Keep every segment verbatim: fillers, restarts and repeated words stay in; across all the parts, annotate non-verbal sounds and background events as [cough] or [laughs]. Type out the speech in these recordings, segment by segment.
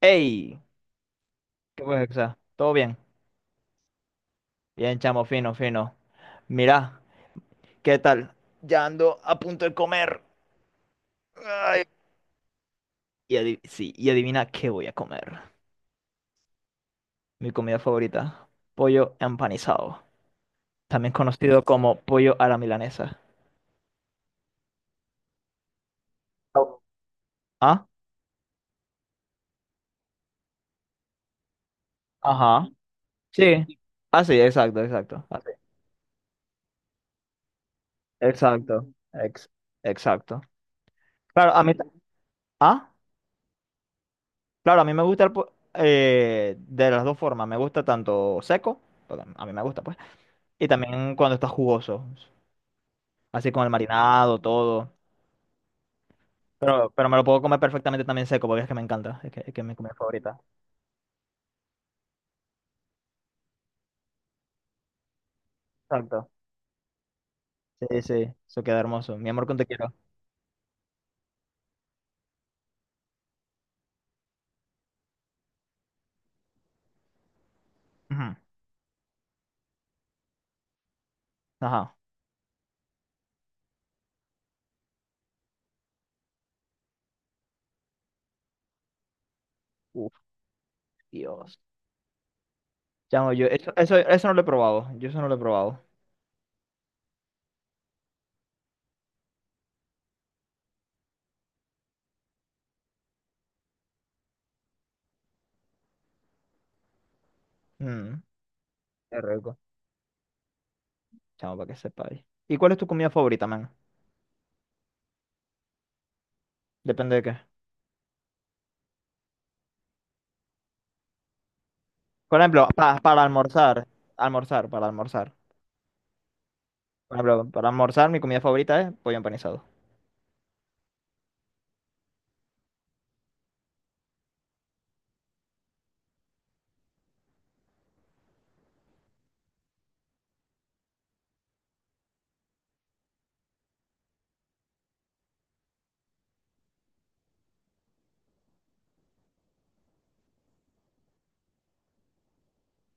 ¡Ey! ¿Qué fue, Hexa? ¿Todo bien? Bien, chamo, fino, fino. Mirá, ¿qué tal? Ya ando a punto de comer. Ay. Y adi- sí, y adivina qué voy a comer. Mi comida favorita, pollo empanizado, también conocido como pollo a la milanesa. Oh. ¿Ah? Ajá. Sí. Ah, sí, exacto, exacto. Así. Exacto. Ex- exacto. Claro, a mí... ta- ¿Ah? Claro, a mí me gusta el po- eh, de las dos formas. Me gusta tanto seco, porque a mí me gusta, pues. Y también cuando está jugoso, así con el marinado, todo. Pero, pero me lo puedo comer perfectamente también seco, porque es que me encanta, es que, es que es mi comida favorita. Exacto. Sí, sí, eso queda hermoso. Mi amor, con te quiero. Ujú. Ajá. Uf, Dios. Chamo, yo eso, eso, eso no lo he probado, yo eso no lo he probado. Mm, qué rico. Chamo, para que sepáis. ¿Y cuál es tu comida favorita, man? Depende de qué. Por ejemplo, pa- para almorzar, almorzar, para almorzar. Por ejemplo, para almorzar mi comida favorita es pollo empanizado.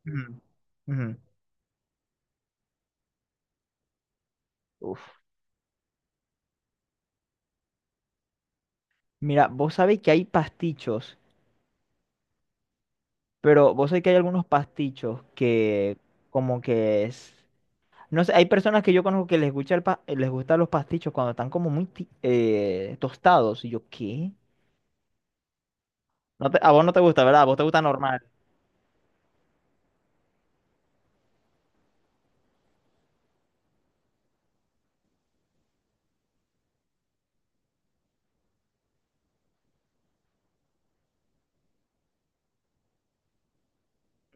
Ujú. Ujú. Uf. Mira, vos sabés que hay pastichos, pero vos sabés que hay algunos pastichos que como que es... No sé, hay personas que yo conozco que les gusta el pa- eh, les gustan los pastichos cuando están como muy ti- eh, tostados. Y yo, ¿qué? No te- a vos no te gusta, ¿verdad? A vos te gusta normal.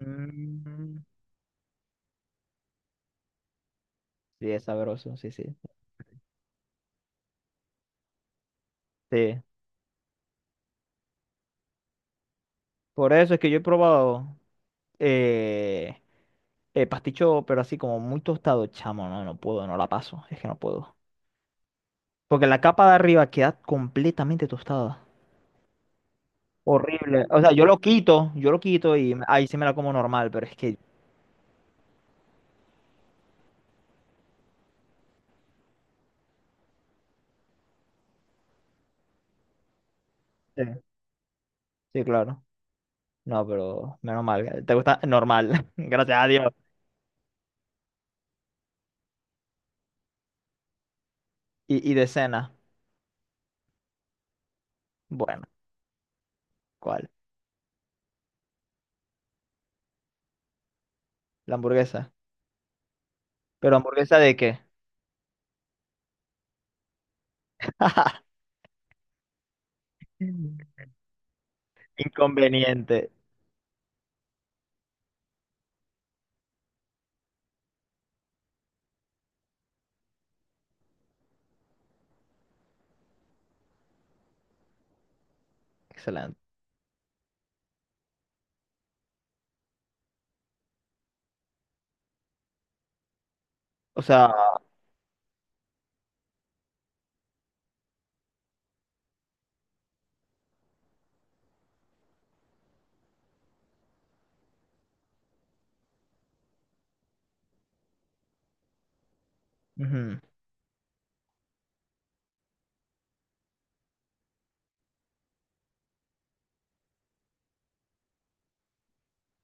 Mm, sí, es sabroso, sí, sí. Sí. Por eso es que yo he probado eh, eh, pasticho, pero así como muy tostado, chamo. No, no puedo, no la paso. Es que no puedo. Porque la capa de arriba queda completamente tostada. Horrible. O sea, yo lo quito, yo lo quito y ahí sí me da como normal, pero es que... Sí, sí, claro. No, pero menos mal. ¿Te gusta? Normal. [laughs] Gracias a Dios. Y, y de cena. Bueno, ¿cuál? La hamburguesa. ¿Pero hamburguesa de qué? [laughs] Inconveniente. Excelente. O sea... Ujú,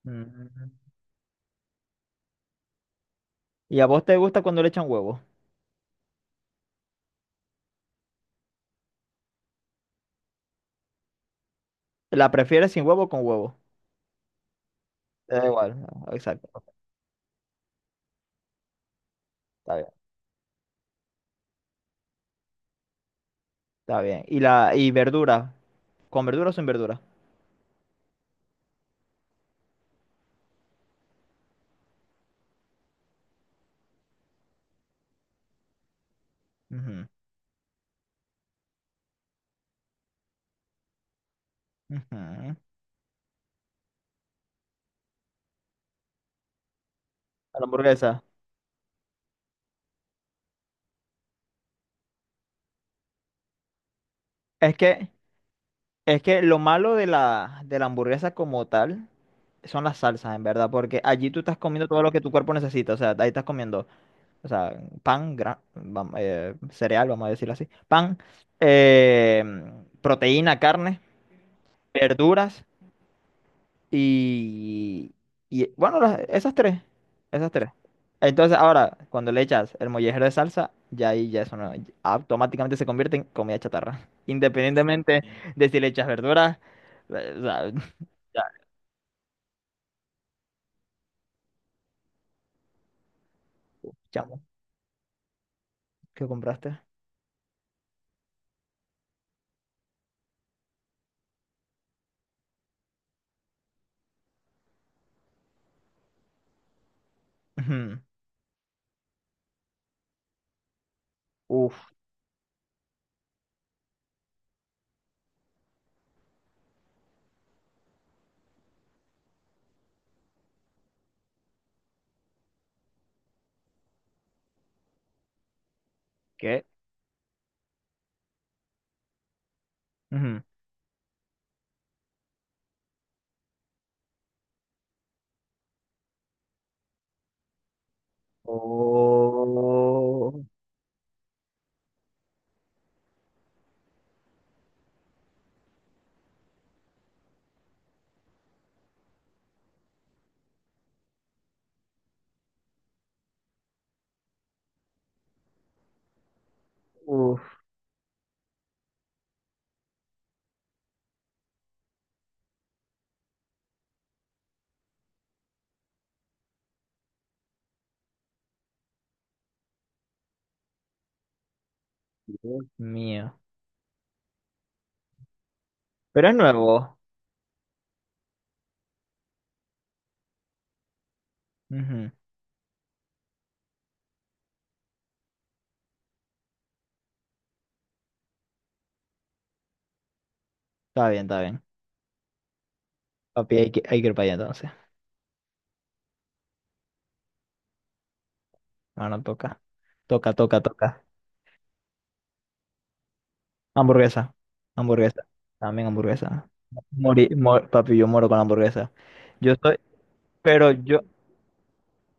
ujú. ¿Y a vos te gusta cuando le echan huevo? ¿La prefieres sin huevo o con huevo? Te da igual. No, exacto. Está bien. Está bien. ¿Y la y verdura? ¿Con verdura o sin verdura? Ujú, ujú. A la hamburguesa. Es que, es que lo malo de la, de la hamburguesa como tal son las salsas, en verdad, porque allí tú estás comiendo todo lo que tu cuerpo necesita. O sea, ahí estás comiendo, o sea, pan, gra- vam- eh, cereal, vamos a decirlo así, pan, eh, proteína, carne, verduras. Y, y bueno, las- esas tres, esas tres. Entonces, ahora, cuando le echas el mollejero de salsa, ya ahí ya eso no, automáticamente se convierte en comida chatarra. [laughs] Independientemente de si le echas verduras, eh, o sea, [laughs] ya, chamo, ¿qué compraste? Ujú. Uf, ¿qué? Ujú. Oh, uf, Dios mío. Pero es nuevo. Ujú. Está bien, está bien. Papi, hay que, hay que ir para allá entonces. No, no toca. Toca, toca, toca. Hamburguesa, hamburguesa, también hamburguesa. Morí, mo- papi, yo muero con la hamburguesa. Yo soy, pero yo,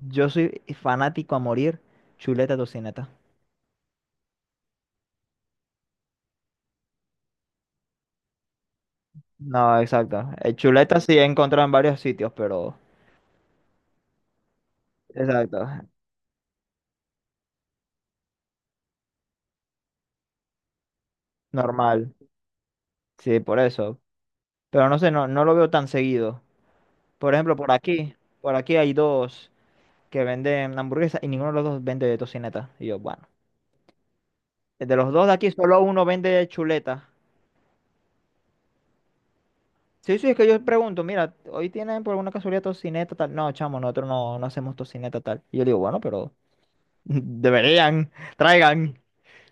yo soy fanático a morir, chuleta tocineta. No, exacto. Eh, chuleta sí he encontrado en varios sitios, pero exacto, normal. Sí, por eso. Pero no sé, no, no lo veo tan seguido. Por ejemplo, por aquí, por aquí hay dos que venden hamburguesas y ninguno de los dos vende de tocineta. Y yo, bueno, de los dos de aquí, solo uno vende de chuleta. Sí, sí, es que yo pregunto, mira, hoy tienen por alguna casualidad tocineta tal. No, chamo, nosotros no, no hacemos tocineta tal. Y yo digo, bueno, pero [laughs] deberían, traigan,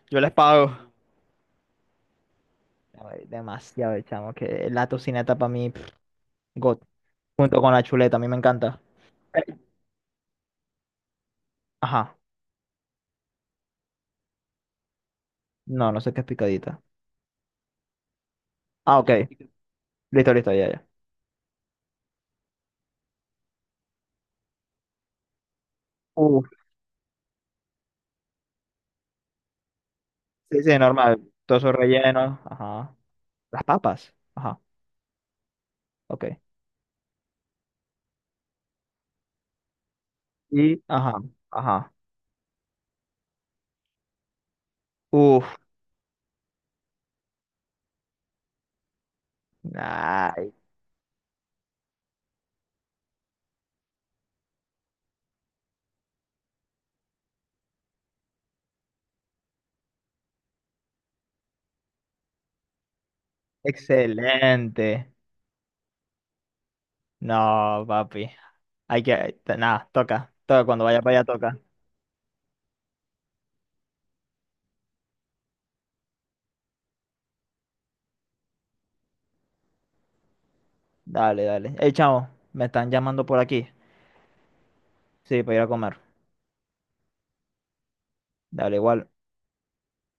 yo les pago. Ay, demasiado, chamo, que la tocineta para mí, pff, God, junto con la chuleta, a mí me encanta. Eh, Ajá, no, no sé qué es picadita. Ah, ok, listo, listo, ya, ya. Uf, sí, sí, normal, todo eso relleno, ajá. Las papas, ajá, ok. Y, ajá, ajá. Uf, ay, excelente. No, papi. Hay que. te- Nada, toca. Toca, cuando vaya para allá toca. Dale, dale. Hey, chamo, me están llamando por aquí. Sí, para ir a comer. Dale, igual.